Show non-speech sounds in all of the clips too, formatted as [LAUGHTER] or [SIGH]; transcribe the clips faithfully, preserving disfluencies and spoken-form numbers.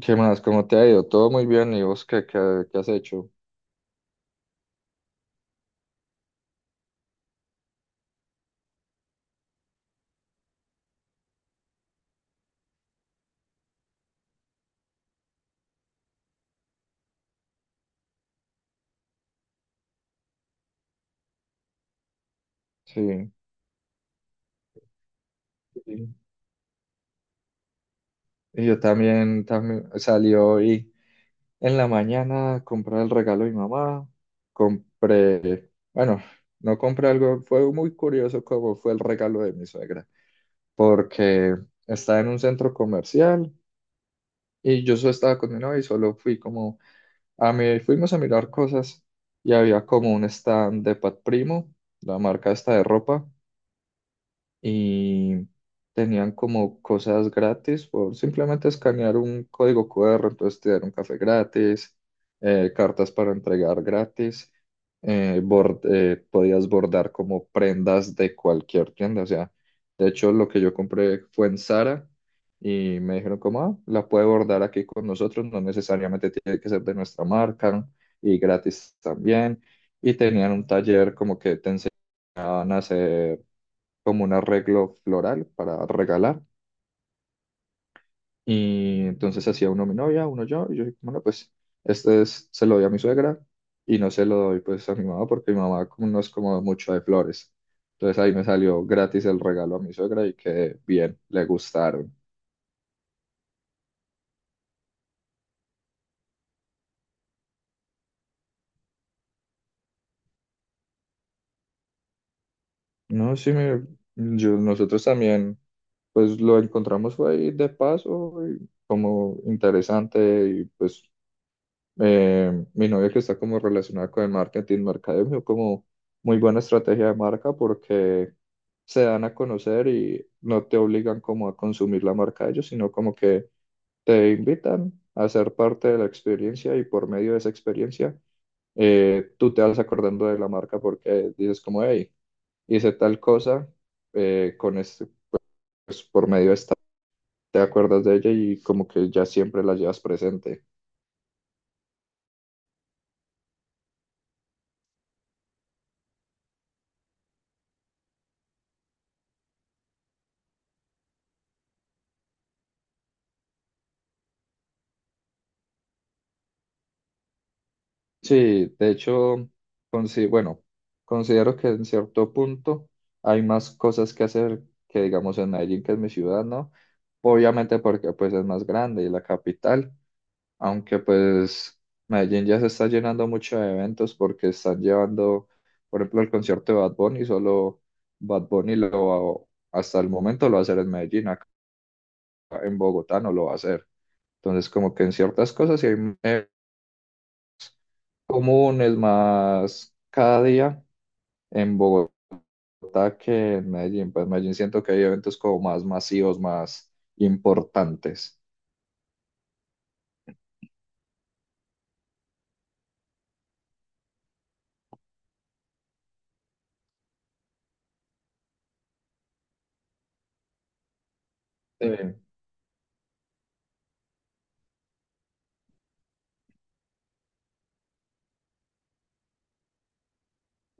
¿Qué más? ¿Cómo te ha ido? Todo muy bien. ¿Y vos qué, qué, qué has hecho? Sí. Y, y yo también, también salí hoy en la mañana a comprar el regalo de mi mamá. Compré, bueno, no compré algo. Fue muy curioso cómo fue el regalo de mi suegra. Porque estaba en un centro comercial y yo solo estaba con mi novia y solo fui como a mí, fuimos a mirar cosas y había como un stand de Pat Primo, la marca esta de ropa y tenían como cosas gratis por simplemente escanear un código Q R, entonces te dieron café gratis, eh, cartas para entregar gratis, eh, bord- eh, podías bordar como prendas de cualquier tienda, o sea, de hecho lo que yo compré fue en Zara y me dijeron como, "Ah, la puede bordar aquí con nosotros, no necesariamente tiene que ser de nuestra marca y gratis también", y tenían un taller como que te enseñaban a hacer como un arreglo floral para regalar. Y entonces hacía uno a mi novia, uno yo, y yo dije, bueno, pues este es- se lo doy a mi suegra y no se lo doy pues a mi mamá porque mi mamá como no es como mucho de flores. Entonces ahí me salió gratis el regalo a mi suegra y que bien, le gustaron. No, sí, me, yo, nosotros también pues lo encontramos fue ahí de paso y como interesante y pues eh, mi novia que está como relacionada con el marketing, mercadeo, vio como muy buena estrategia de marca porque se dan a conocer y no te obligan como a consumir la marca de ellos, sino como que te invitan a ser parte de la experiencia y por medio de esa experiencia eh, tú te vas acordando de la marca porque dices como, hey, hice tal cosa eh, con este, pues por medio de esta, te acuerdas de ella y como que ya siempre la llevas presente. Sí, de hecho, consi- bueno, considero que en cierto punto hay más cosas que hacer que digamos en Medellín, que es mi ciudad, ¿no? Obviamente porque pues es más grande y la capital, aunque pues Medellín ya se está llenando mucho de eventos porque están llevando, por ejemplo, el concierto de Bad Bunny, solo Bad Bunny lo va- hasta el momento lo va a hacer en Medellín, acá en Bogotá no lo va a hacer. Entonces como que en ciertas cosas sí hay comunes, más cada día en Bogotá que en Medellín. Pues en Medellín siento que hay eventos como más masivos, más importantes. Sí,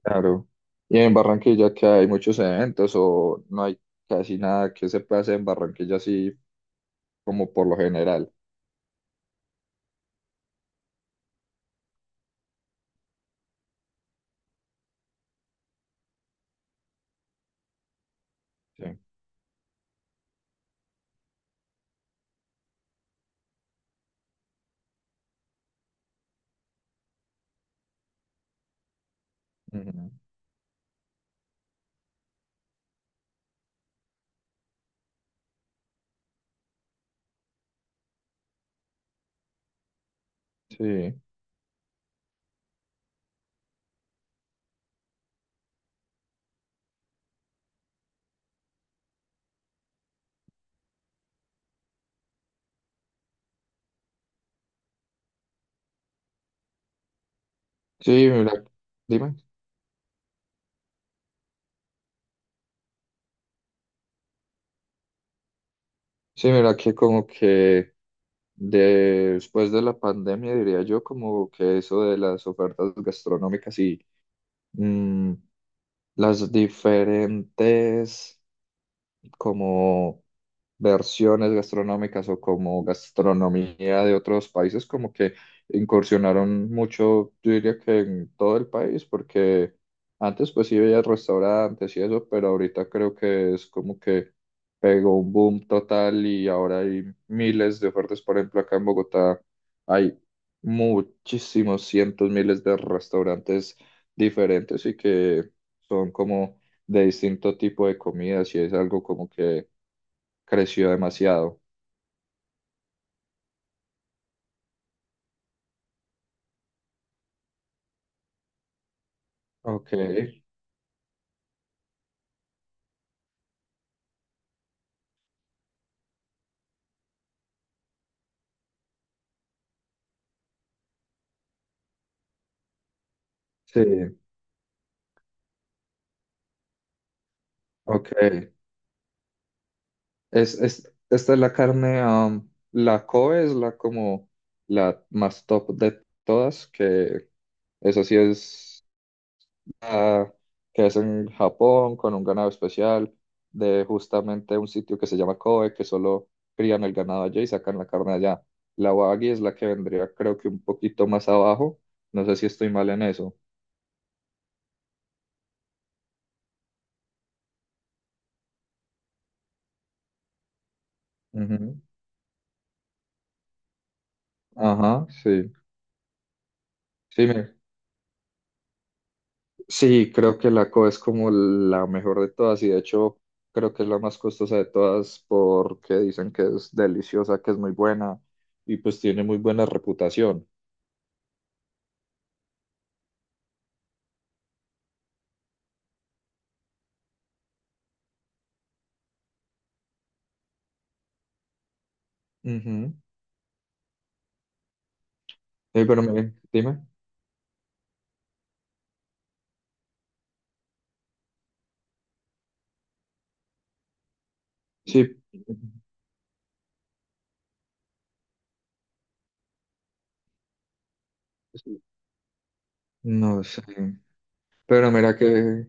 claro. ¿Y en Barranquilla que hay muchos eventos o no hay casi nada que se pase en Barranquilla así como por lo general? Sí. Ujú. Sí, sí, mira, dime. Sí, mira que como que después de la pandemia diría yo como que eso de las ofertas gastronómicas y mm, las diferentes como versiones gastronómicas o como gastronomía de otros países, como que incursionaron mucho, yo diría que en todo el país, porque antes pues sí veía restaurantes y eso, pero ahorita creo que es como que pegó un boom total y ahora hay miles de ofertas, por ejemplo, acá en Bogotá hay muchísimos cientos, miles de restaurantes diferentes y que son como de distinto tipo de comidas y es algo como que Creció demasiado. Ok, sí, ok. Es, es, esta es la carne, um, la Kobe es la como la más top de todas, que esa sí es la que es en Japón con un ganado especial de justamente un sitio que se llama Kobe, que solo crían el ganado allá y sacan la carne allá. La Wagyu es la que vendría creo que un poquito más abajo, no sé si estoy mal en eso. Ujú. Ajá, sí. Sí, me- Sí, creo que la Co es como la mejor de todas y de hecho creo que es la más costosa de todas porque dicen que es deliciosa, que es muy buena y pues tiene muy buena reputación. Ujú. Eh, pero mire, dime. Sí. Sí. No sé. Pero mira que,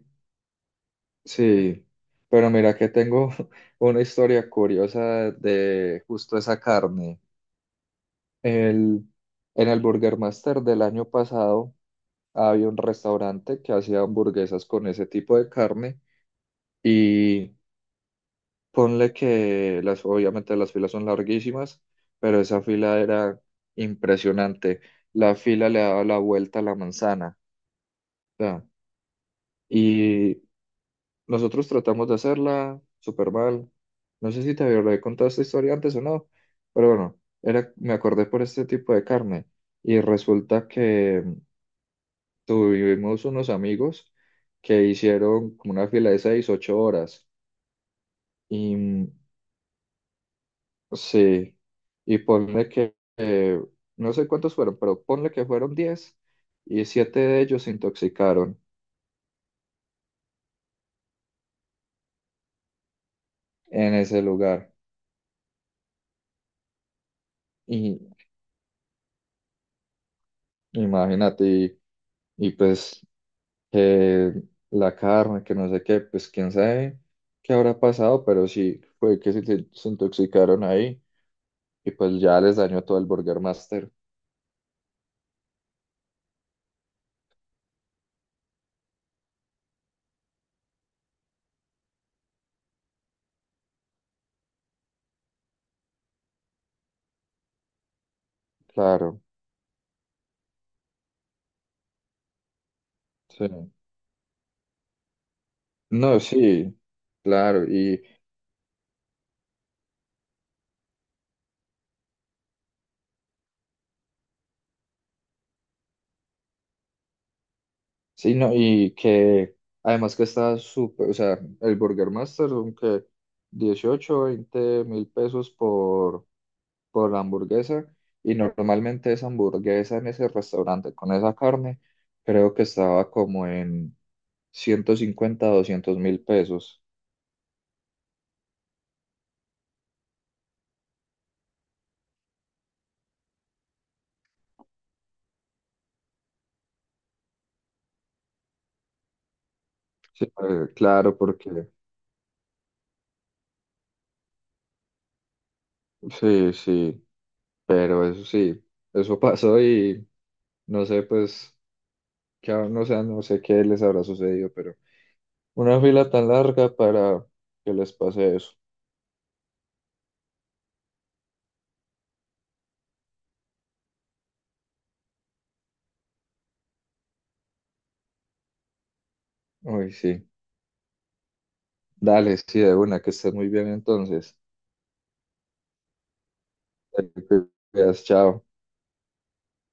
sí, pero mira que tengo [LAUGHS] una historia curiosa de justo esa carne. El, en el Burger Master del año pasado había un restaurante que hacía hamburguesas con ese tipo de carne y ponle que las, obviamente las filas son larguísimas, pero esa fila era impresionante. La fila le daba la vuelta a la manzana. O sea, y nosotros tratamos de hacerla súper mal. No sé si te había contado esta historia antes o no, pero bueno, era, me acordé por este tipo de carne y resulta que Tuvimos unos amigos que hicieron como una fila de seis, ocho horas. Y mm, sí, y ponle que, eh, no sé cuántos fueron, pero ponle que fueron diez y siete de ellos se intoxicaron en ese lugar. Y imagínate, y, y pues que la carne, que no sé qué, pues quién sabe qué habrá pasado, pero sí, fue que se, se intoxicaron ahí y pues ya les dañó todo el Burger Master. Claro, sí. No, sí, claro, y sí, no, y que además que está súper, o sea, el Burger Master son que dieciocho, veinte mil pesos por, por la hamburguesa, y normalmente esa hamburguesa en ese restaurante con esa carne, creo que estaba como en ciento cincuenta doscientos mil pesos. Sí, eh, claro, porque sí, sí, pero eso sí, eso pasó y no sé, pues. Que aún no, sé- No sé qué les habrá sucedido, pero una fila tan larga para que les pase eso. Uy, sí. Dale, sí, de una, que estés muy bien entonces. Te cuidas, chao.